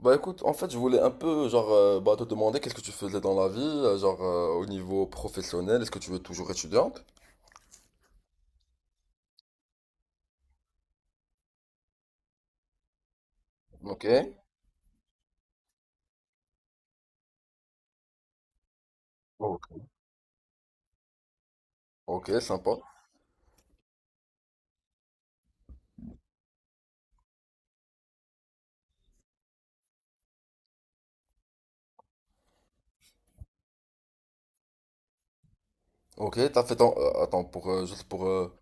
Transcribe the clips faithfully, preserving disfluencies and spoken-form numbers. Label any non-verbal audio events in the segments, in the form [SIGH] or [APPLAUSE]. Bah écoute, en fait, je voulais un peu, genre, euh, bah, te demander qu'est-ce que tu faisais dans la vie, euh, genre, euh, au niveau professionnel, est-ce que tu es toujours étudiante? Ok. Ok, ok, sympa. Ok, t'as fait ton, euh, attends, pour, euh, juste pour, euh,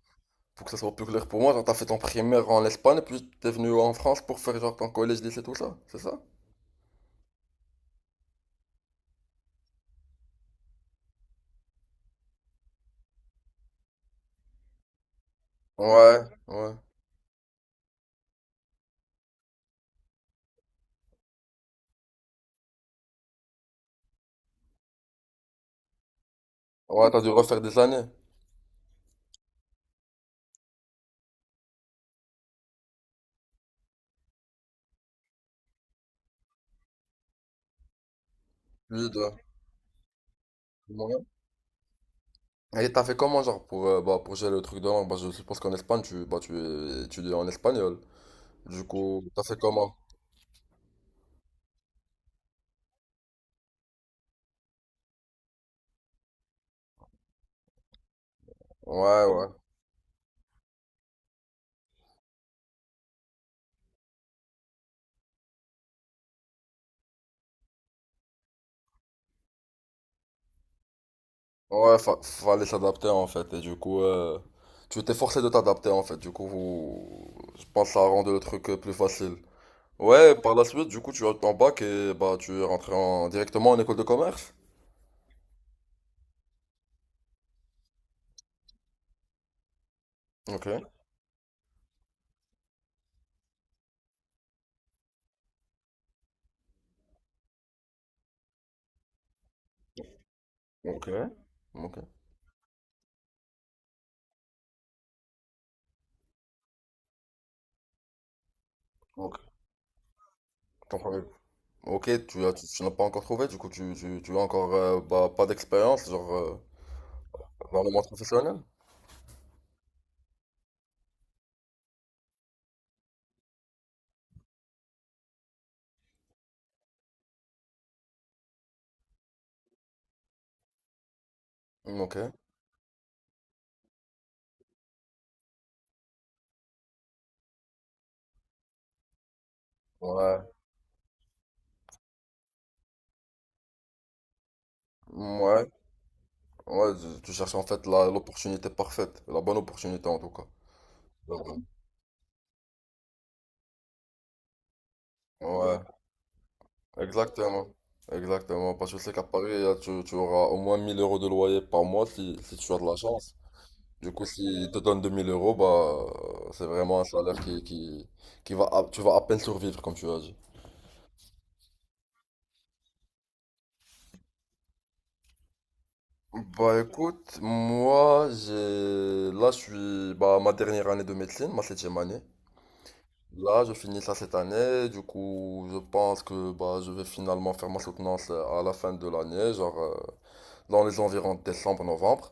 pour que ça soit plus clair pour moi, genre, t'as fait ton primaire en Espagne, puis t'es venu en France pour faire, genre, ton collège, lycée, tout ça, c'est ça? Ouais, ouais. Ouais, t'as dû refaire des années. Plus de. Ouais. Et t'as fait comment, genre, pour, euh, bah, pour gérer le truc de langue? Bah, je suppose qu'en Espagne, tu, bah, tu étudies en espagnol. Du coup, t'as fait comment? Ouais, ouais. Ouais, fa- fallait s'adapter en fait. Et du coup, euh, tu t'es forcé de t'adapter en fait. Du coup, vous- je pense que ça a rendu le truc euh, plus facile. Ouais, par la suite, du coup, tu as eu ton bac et bah tu es rentré en- directement en école de commerce. Ok, ok, ok, ok. Ton premier. Ok, tu as, tu, tu n'as pas encore trouvé, du coup, tu, tu, tu as encore euh, bah, pas d'expérience, genre, euh, dans le monde professionnel. Ok, ouais, ouais, ouais, tu, tu cherches en fait la- l'opportunité parfaite, la bonne opportunité en tout cas. Ouais. Ouais. Exactement, exactement. Parce que je sais qu'à Paris, euh, tu, tu auras au moins mille euros de loyer par mois si, si tu as de la chance. Du coup, s'ils te donnent deux mille euros, bah, euh, c'est vraiment un salaire qui, qui, qui va, à- tu vas à peine survivre, comme tu as dit. Bah écoute, moi, j'ai, là, je suis, bah, ma dernière année de médecine, ma septième année. Là, je finis ça cette année. Du coup, je pense que, bah, je vais finalement faire ma soutenance à la fin de l'année, genre, euh, dans les environs de décembre-novembre.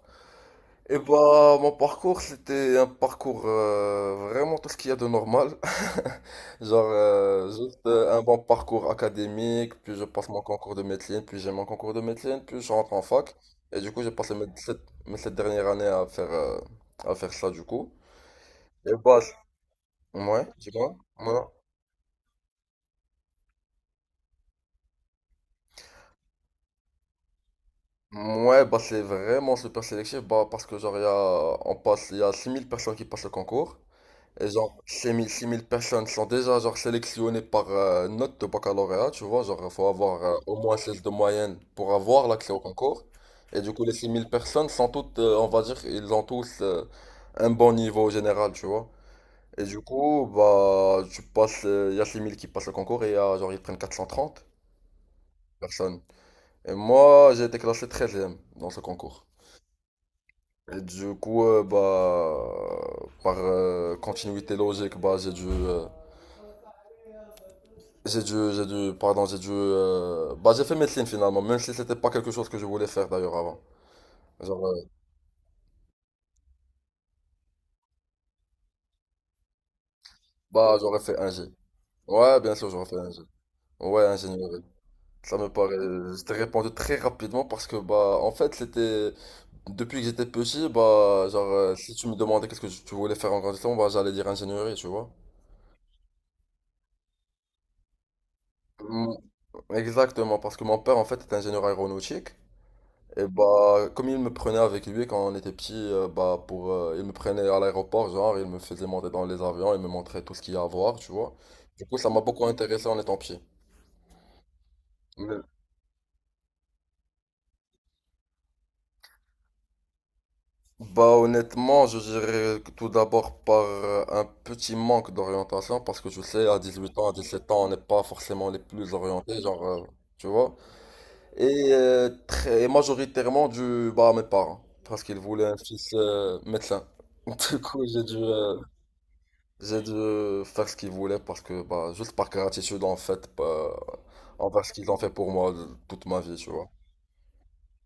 Et bah, mon parcours, c'était un parcours euh, vraiment tout ce qu'il y a de normal. [LAUGHS] Genre, euh, juste euh, un bon parcours académique, puis je passe mon concours de médecine, puis j'ai mon concours de médecine, puis je rentre en fac. Et du coup, j'ai passé mes sept, mes sept dernières années à faire, euh, à faire ça, du coup. Et bah, c- ouais, dis-moi. Ouais. Ouais, bah, c'est vraiment super sélectif, bah, parce que genre, il y a, on passe, il y a six mille personnes qui passent le concours. Et genre, six mille six mille personnes sont déjà genre sélectionnées par euh, note de baccalauréat, tu vois, genre, il faut avoir euh, au moins seize de moyenne pour avoir l'accès au concours. Et du coup, les six mille personnes sont toutes, euh, on va dire, ils ont tous euh, un bon niveau général, tu vois. Et du coup, bah, tu passes, euh, il y a six mille qui passent le concours et y a, genre, ils prennent quatre cent trente personnes. Et moi, j'ai été classé treizième dans ce concours. Et du coup, euh, bah, par euh, continuité logique, bah, j'ai dû euh, J'ai dû, j'ai dû, pardon, j'ai dû, euh, bah j'ai fait médecine finalement, même si c'était pas quelque chose que je voulais faire d'ailleurs avant. Genre, euh, bah j'aurais fait ingé. Ouais, bien sûr, j'aurais fait ingé. Ouais, ingénierie. Ça me paraît, je t'ai répondu très rapidement parce que bah en fait c'était, depuis que j'étais petit, bah genre euh, si tu me demandais qu'est-ce que tu voulais faire en grandissant, bah j'allais dire ingénierie, tu vois. Mm, exactement, parce que mon père en fait est ingénieur aéronautique. Et bah, comme il me prenait avec lui quand on était petit, euh, bah, pour, euh, il me prenait à l'aéroport, genre, il me faisait monter dans les avions, il me montrait tout ce qu'il y a à voir, tu vois. Du coup, ça m'a beaucoup intéressé en étant petit. Mais- Bah, honnêtement, je dirais que tout d'abord par euh, un petit manque d'orientation, parce que tu sais, à dix huit ans, à dix sept ans, on n'est pas forcément les plus orientés, genre, euh, tu vois. Et euh, très majoritairement dû bah, à mes parents, parce qu'ils voulaient un fils euh, médecin. [LAUGHS] Du coup, j'ai dû, euh, j'ai dû faire ce qu'ils voulaient parce que, bah, juste par gratitude en fait, bah, envers ce qu'ils ont fait pour moi de- toute ma vie, tu vois.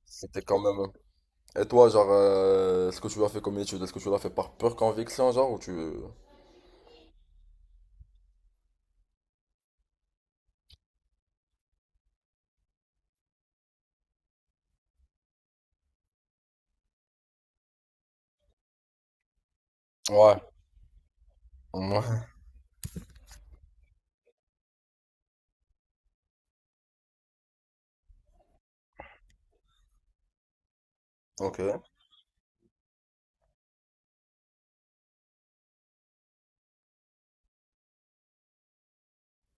C'était quand même. euh, Et toi, genre, euh, ce que tu as fait comme étude, est-ce que tu l'as fait par pure conviction, genre, ou tu. Ouais. Ouais. Ok.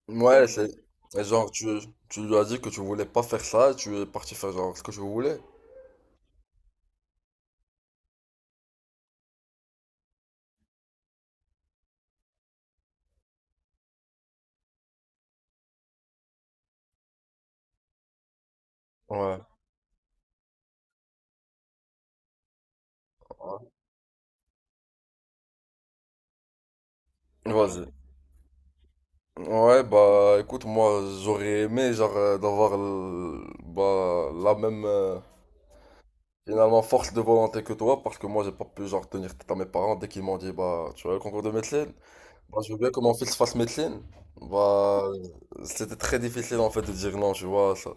Ouais, c'est. Et genre, tu, tu lui as dit que tu voulais pas faire ça et tu es parti faire, genre, ce que tu voulais. Ouais. Vas-y. Ouais, bah, écoute, moi, j'aurais aimé, genre, euh, d'avoir, l- bah, la même. euh, Finalement, force de volonté que toi, parce que moi, j'ai pas pu genre tenir tête à mes parents dès qu'ils m'ont dit, bah, tu vois le concours de médecine? Bah, je veux bien que mon fils fasse médecine. Bah, c'était très difficile en fait de dire non, tu vois, ça.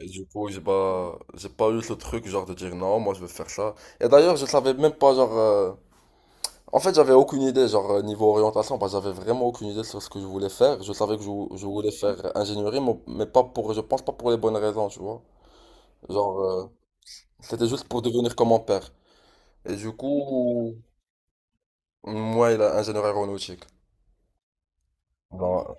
Et du coup, j'ai bah, j'ai pas eu ce truc genre de dire non, moi, je veux faire ça. Et d'ailleurs, je savais même pas, genre, euh, en fait, j'avais aucune idée, genre, euh, niveau orientation, bah, j'avais vraiment aucune idée sur ce que je voulais faire. Je savais que je, vou- je voulais faire ingénierie, mais mais pas pour, je pense pas pour les bonnes raisons, tu vois. Genre, euh, c'était juste pour devenir comme mon père. Et du coup, moi, il a ingénieur aéronautique. Bon,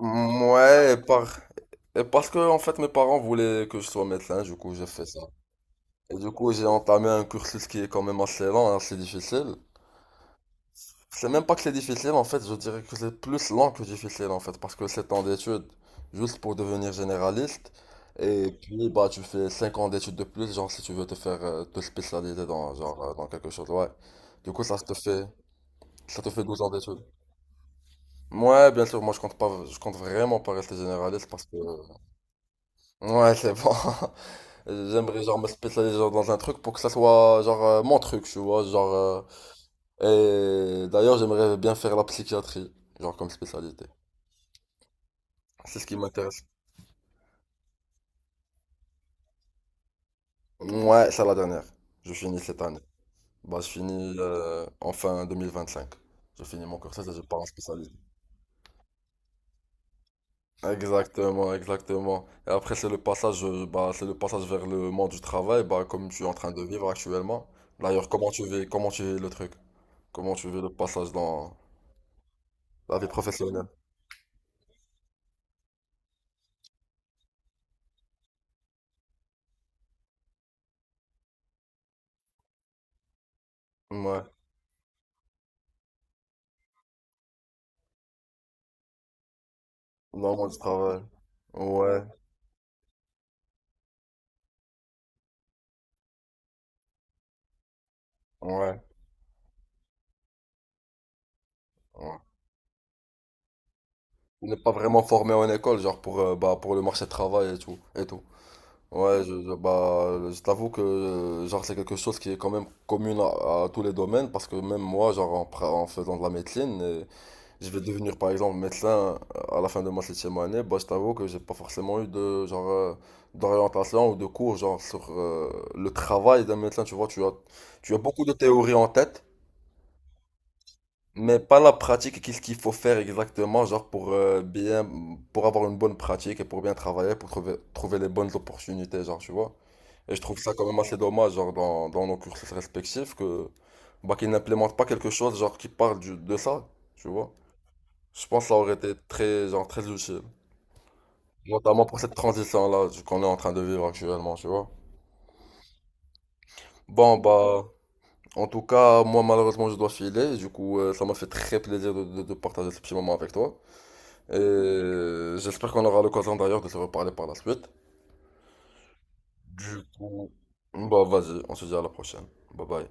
ouais, et, par... et parce que, en fait, mes parents voulaient que je sois médecin, du coup, j'ai fait ça. Et du coup, j'ai entamé un cursus qui est quand même assez lent, assez difficile. C'est même pas que c'est difficile, en fait, je dirais que c'est plus lent que difficile, en fait, parce que 7 ans d'études, juste pour devenir généraliste. Et puis, bah, tu fais cinq ans d'études de plus, genre, si tu veux te faire, euh, te spécialiser dans, genre, euh, dans quelque chose, ouais. Du coup, ça te fait, ça te fait douze ans d'études. Ouais, bien sûr, moi je compte pas, je compte vraiment pas rester généraliste parce que. Ouais, c'est bon. [LAUGHS] J'aimerais genre me spécialiser genre, dans un truc pour que ça soit genre euh, mon truc, tu vois. Genre. euh, Et d'ailleurs, j'aimerais bien faire la psychiatrie, genre comme spécialité. C'est ce qui m'intéresse. Ouais, c'est la dernière. Je finis cette année. Bah, je finis euh, en fin deux mille vingt-cinq. Je finis mon cursus et je pars en spécialité. Exactement, exactement. Et après, c'est le passage, euh, bah, c'est le passage vers le monde du travail, bah, comme tu es en train de vivre actuellement. D'ailleurs, comment tu vis, comment tu vis le truc? Comment tu vis le passage dans la vie professionnelle? Ouais, dans le monde du travail. Ouais, ouais, ouais. On n'est pas vraiment formé en école, genre pour, euh, bah, pour le marché du travail et tout, et tout. Ouais, je, je- bah, je t'avoue que euh, genre c'est quelque chose qui est quand même commune à, à tous les domaines, parce que même moi, genre en, pra- en faisant de la médecine, je vais devenir par exemple médecin euh, à la fin de ma septième année, bah, je t'avoue que j'ai pas forcément eu de genre euh, d'orientation ou de cours genre sur euh, le travail d'un médecin, tu vois, tu as tu as beaucoup de théories en tête, mais pas la pratique et qu'est-ce qu'il faut faire exactement genre pour euh, bien pour avoir une bonne pratique et pour bien travailler, pour trouver trouver les bonnes opportunités, genre, tu vois. Et je trouve ça quand même assez dommage genre dans, dans nos cursus respectifs que bah qu'ils n'implémentent pas quelque chose genre qui parle du- de ça, tu vois. Je pense que ça aurait été très, genre, très utile. Notamment pour cette transition-là du- qu'on est en train de vivre actuellement, tu vois. Bon, bah, en tout cas, moi, malheureusement, je dois filer. Du coup, euh, ça m'a fait très plaisir de, de- de partager ce petit moment avec toi. Et j'espère qu'on aura l'occasion d'ailleurs de se reparler par la suite. Du coup, bah, vas-y, on se dit à la prochaine. Bye bye.